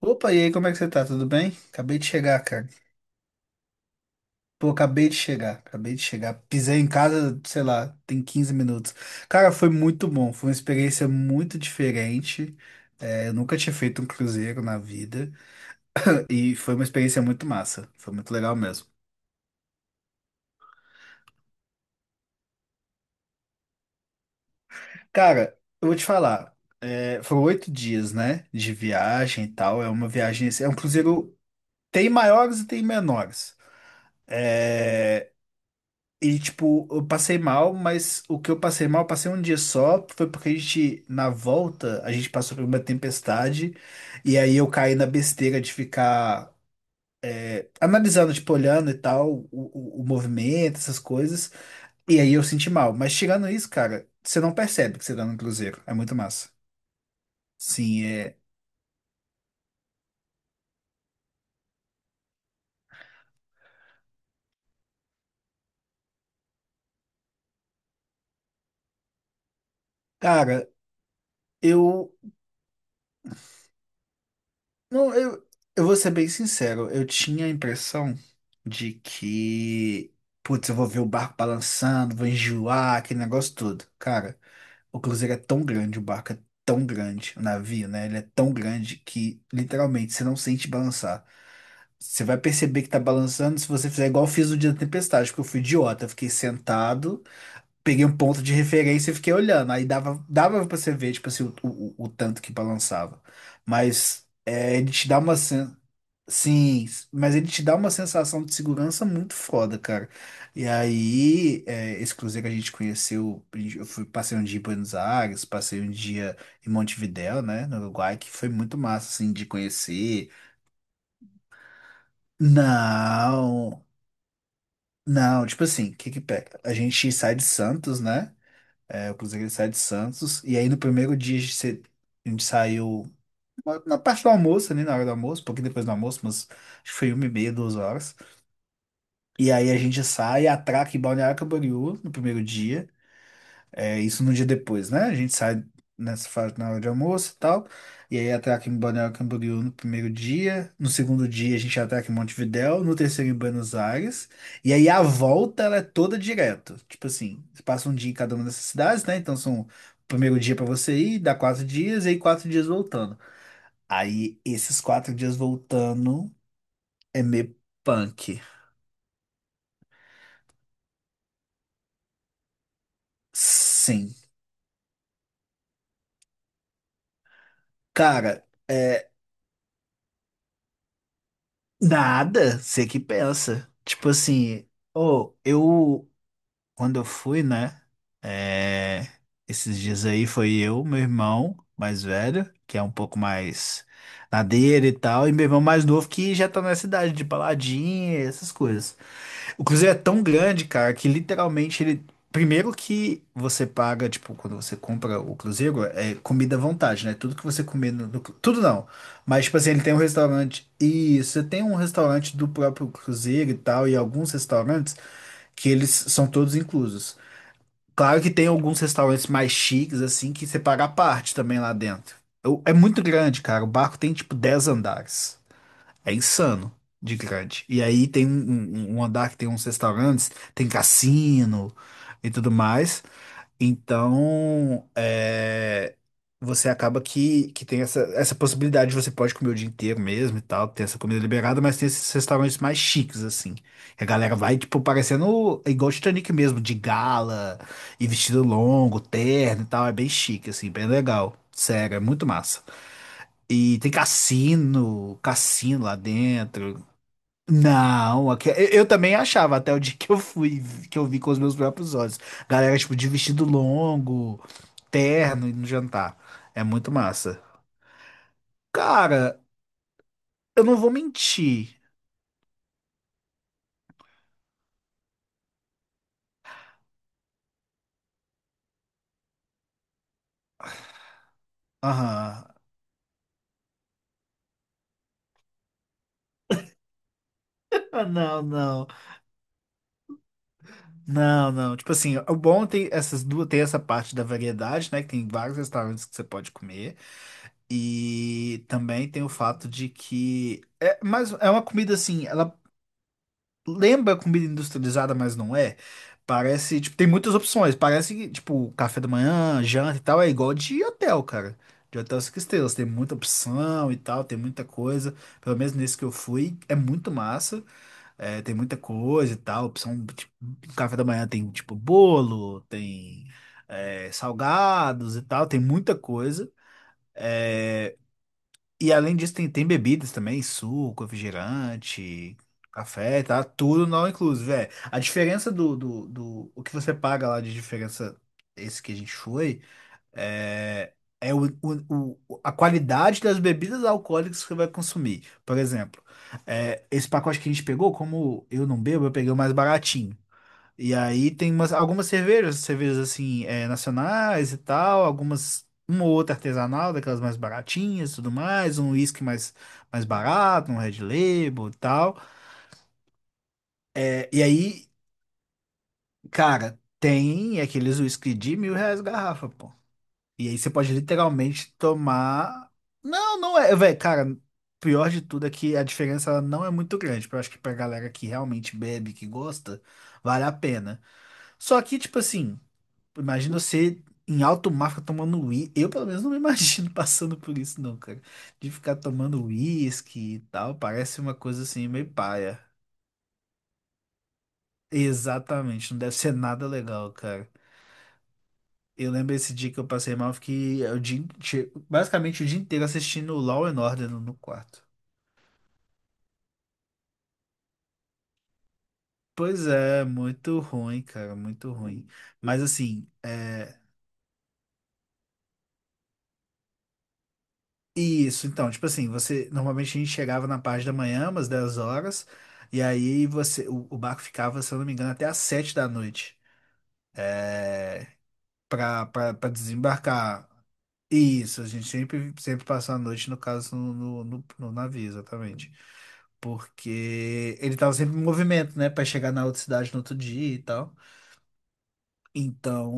Opa, e aí, como é que você tá? Tudo bem? Acabei de chegar, cara. Pô, acabei de chegar, acabei de chegar. Pisei em casa, sei lá, tem 15 minutos. Cara, foi muito bom, foi uma experiência muito diferente. Eu nunca tinha feito um cruzeiro na vida e foi uma experiência muito massa, foi muito legal mesmo. Cara, eu vou te falar, foram 8 dias, né, de viagem e tal. É uma viagem, é um cruzeiro, tem maiores e tem menores. É, tipo, eu passei mal, mas o que eu passei mal, eu passei um dia só, foi porque a gente, na volta, a gente passou por uma tempestade, e aí eu caí na besteira de ficar analisando, tipo, olhando e tal, o movimento, essas coisas, e aí eu senti mal. Mas tirando isso, cara, você não percebe que você tá no cruzeiro, é muito massa. Sim, é. Cara, eu. Não, eu vou ser bem sincero, eu tinha a impressão de que, putz, eu vou ver o barco balançando, vou enjoar, aquele negócio todo. Cara, o cruzeiro é tão grande, o barco é tão grande, o navio, né? Ele é tão grande que, literalmente, você não sente balançar. Você vai perceber que tá balançando se você fizer igual eu fiz no dia da tempestade, porque eu fui idiota. Eu fiquei sentado, peguei um ponto de referência e fiquei olhando. Aí dava, dava pra você ver, tipo assim, o tanto que balançava. Mas é, ele te dá uma sensação. Sim, mas ele te dá uma sensação de segurança muito foda, cara. E aí, esse cruzeiro que a gente conheceu, eu fui, passei um dia em Buenos Aires, passei um dia em Montevidéu, né, no Uruguai, que foi muito massa, assim, de conhecer. Não, não, tipo assim, o que que pega? A gente sai de Santos, né, o cruzeiro ele sai de Santos, e aí no primeiro dia a gente, a gente saiu na parte do almoço, ali, na hora do almoço, um pouquinho depois do almoço, mas acho que foi 1h30, 2 horas. E aí a gente sai, atraca em Balneário Camboriú no primeiro dia. É isso no dia depois, né? A gente sai nessa fase na hora de almoço e tal. E aí atraca em Balneário Camboriú no primeiro dia. No segundo dia a gente atraca em Montevidéu. No terceiro em Buenos Aires. E aí a volta ela é toda direto. Tipo assim, você passa um dia em cada uma dessas cidades, né? Então são o primeiro dia pra você ir, dá 4 dias, e aí 4 dias voltando. Aí esses 4 dias voltando é meio punk. Sim. Cara. Nada, você que pensa. Tipo assim, ô, eu, quando eu fui, né? é, esses dias aí foi eu, meu irmão mais velho, que é um pouco mais na dele e tal, e meu irmão mais novo que já tá nessa idade de baladinha, essas coisas. O cruzeiro é tão grande, cara, que literalmente ele. Primeiro que você paga, tipo, quando você compra o cruzeiro, é comida à vontade, né? Tudo que você comer no Tudo não. Mas, tipo assim, ele tem um restaurante. E você tem um restaurante do próprio cruzeiro e tal, e alguns restaurantes que eles são todos inclusos. Claro que tem alguns restaurantes mais chiques, assim, que você paga à parte também lá dentro. Eu- É muito grande, cara. O barco tem, tipo, 10 andares. É insano de grande. E aí tem um andar que tem uns restaurantes, tem cassino e tudo mais. Então, você acaba que tem essa, essa possibilidade, você pode comer o dia inteiro mesmo e tal, tem essa comida liberada, mas tem esses restaurantes mais chiques, assim. E a galera vai, tipo, parecendo igual Titanic mesmo, de gala e vestido longo, terno e tal. É bem chique, assim, bem legal. Sério, é muito massa. E tem cassino, cassino lá dentro. Não, eu também achava até o dia que eu fui, que eu vi com os meus próprios olhos. Galera, tipo, de vestido longo, terno e no jantar. É muito massa. Cara, eu não vou mentir. Aham. Ah, não, não, não, não. Tipo assim, o bom tem essas duas, tem essa parte da variedade, né? Que tem vários restaurantes que você pode comer. E também tem o fato de que é, mas é uma comida assim, ela lembra comida industrializada, mas não é. Parece, tipo, tem muitas opções. Parece, que, tipo, café da manhã, janta e tal, é igual de hotel, cara. De hotel 5 estrelas, tem muita opção e tal, tem muita coisa. Pelo menos nesse que eu fui, é muito massa. Tem muita coisa e tal. Opção, tipo, um café da manhã tem, tipo, bolo, tem, salgados e tal, tem muita coisa. E além disso, tem, tem bebidas também, suco, refrigerante, café, tá? Tudo não inclusive, é. A diferença do O que você paga lá de diferença, esse que a gente foi, é... É a qualidade das bebidas alcoólicas que você vai consumir. Por exemplo, esse pacote que a gente pegou, como eu não bebo, eu peguei o mais baratinho. E aí tem umas, algumas cervejas, cervejas assim, nacionais e tal, algumas, uma ou outra artesanal, daquelas mais baratinhas e tudo mais, um whisky mais, mais barato, um Red Label e tal. É, e aí, cara, tem aqueles whisky de 1.000 reais garrafa, pô. E aí você pode literalmente tomar. Não, não é, velho, cara. Pior de tudo é que a diferença ela não é muito grande. Eu acho que pra galera que realmente bebe, que gosta, vale a pena. Só que, tipo assim. Imagina você em alto mar ficar tomando uísque. Eu, pelo menos, não me imagino passando por isso, não, cara. De ficar tomando uísque e tal. Parece uma coisa assim, meio paia. Exatamente, não deve ser nada legal, cara. Eu lembro esse dia que eu passei mal, eu fiquei o dia, basicamente o dia inteiro assistindo Law and Order no quarto. Pois é, muito ruim, cara, muito ruim. Mas assim, é, isso, então, tipo assim, você normalmente a gente chegava na parte da manhã, umas 10 horas, e aí você o barco ficava, se eu não me engano, até às 7 da noite. É, pra desembarcar. Isso, a gente sempre, sempre passou a noite, no caso, no navio, exatamente. Porque ele tava sempre em movimento, né? Pra chegar na outra cidade no outro dia e tal. Então,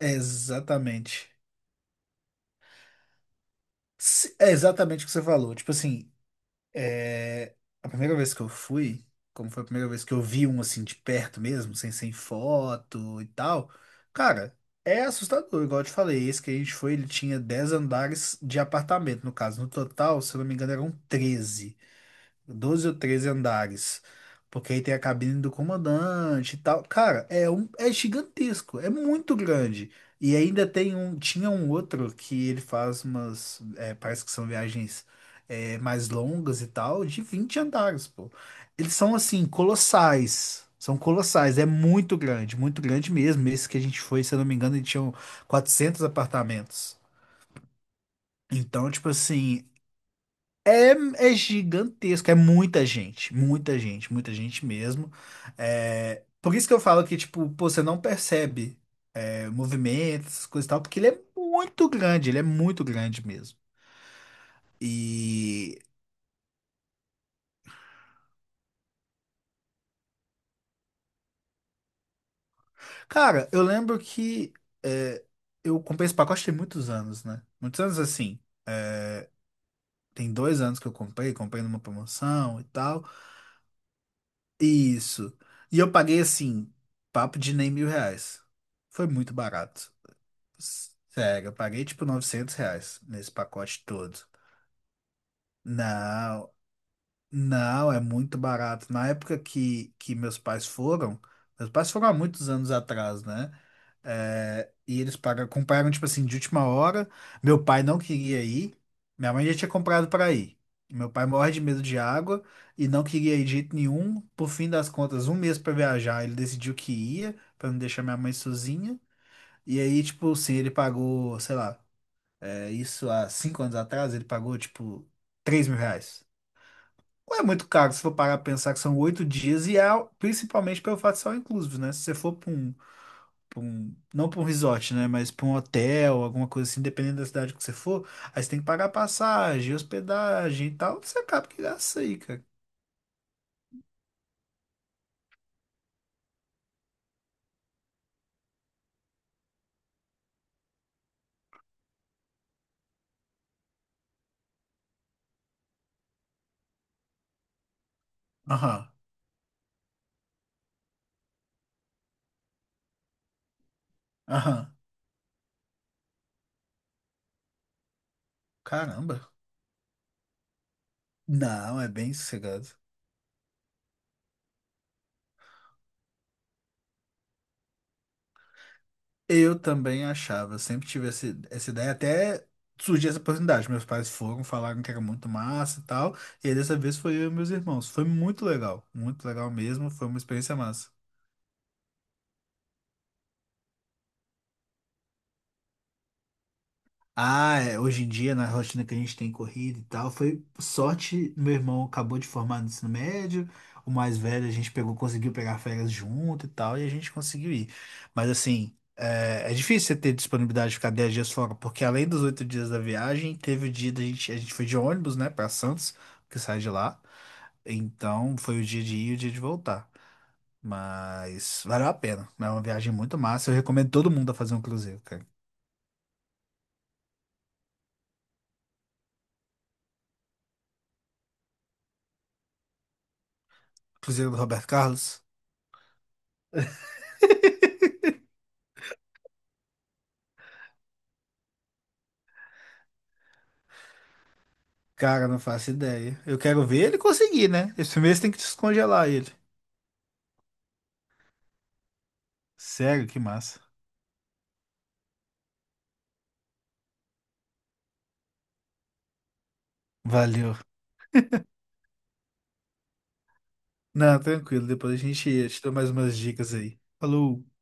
é exatamente. É exatamente o que você falou. Tipo assim, É, a primeira vez que eu fui, como foi a primeira vez que eu vi um assim de perto mesmo, sem, sem foto e tal, cara, é assustador, igual eu te falei. Esse que a gente foi, ele tinha 10 andares de apartamento, no caso. No total, se eu não me engano, eram 13 12 ou 13 andares. Porque aí tem a cabine do comandante e tal. Cara, é um, é gigantesco, é muito grande. E ainda tem um, tinha um outro que ele faz umas, parece que são viagens mais longas e tal, de 20 andares, pô. Eles são assim, colossais. São colossais, é muito grande mesmo. Esse que a gente foi, se eu não me engano, ele tinha 400 apartamentos. Então, tipo assim, é, é gigantesco, é muita gente, muita gente, muita gente mesmo. Por isso que eu falo que, tipo, pô, você não percebe movimentos, coisa e tal, porque ele é muito grande, ele é muito grande mesmo. E, cara, eu lembro que é, eu comprei esse pacote tem muitos anos, né? Muitos anos assim. é, Tem 2 anos que eu comprei, comprei numa promoção e tal. Isso. E eu paguei assim, papo de nem 1.000 reais. Foi muito barato. Sério, eu paguei tipo 900 reais nesse pacote todo. Não, não, é muito barato. Na época que meus pais foram há muitos anos atrás, né? É, e eles pagaram, compraram, tipo assim, de última hora. Meu pai não queria ir, minha mãe já tinha comprado para ir. Meu pai morre de medo de água e não queria ir de jeito nenhum. Por fim das contas, um mês para viajar, ele decidiu que ia, para não deixar minha mãe sozinha. E aí, tipo, assim, ele pagou, sei lá. Isso há 5 anos atrás, ele pagou tipo 3.000 reais. Não é muito caro se for parar pra pensar que são 8 dias e é principalmente pelo fato de ser all inclusive, né? Se você for pra um, não pra um resort, né? Mas pra um hotel, alguma coisa assim, dependendo da cidade que você for, aí você tem que pagar passagem, hospedagem e tal. Você acaba que gasta isso aí, cara. Aham, aham. Caramba. Não, é bem sossegado. Eu também achava, eu sempre tive essa, essa ideia, até surgiu essa oportunidade. Meus pais foram, falaram que era muito massa e tal, e aí dessa vez foi eu e meus irmãos. Foi muito legal mesmo, foi uma experiência massa. Ah, é, hoje em dia, na rotina que a gente tem corrida e tal, foi sorte. Meu irmão acabou de formar no ensino médio, o mais velho a gente pegou, conseguiu pegar férias junto e tal, e a gente conseguiu ir. Mas assim, é difícil você ter disponibilidade de ficar 10 dias fora, porque além dos 8 dias da viagem, teve o dia da gente, a gente foi de ônibus, né, pra Santos, que sai de lá. Então foi o dia de ir e o dia de voltar. Mas valeu a pena. É uma viagem muito massa. Eu recomendo todo mundo a fazer um cruzeiro, cara. Cruzeiro do Roberto Carlos. Cara, não faço ideia. Eu quero ver ele conseguir, né? Esse mês tem que descongelar ele. Sério, que massa. Valeu. Não, tranquilo. Depois a gente te dá mais umas dicas aí. Falou.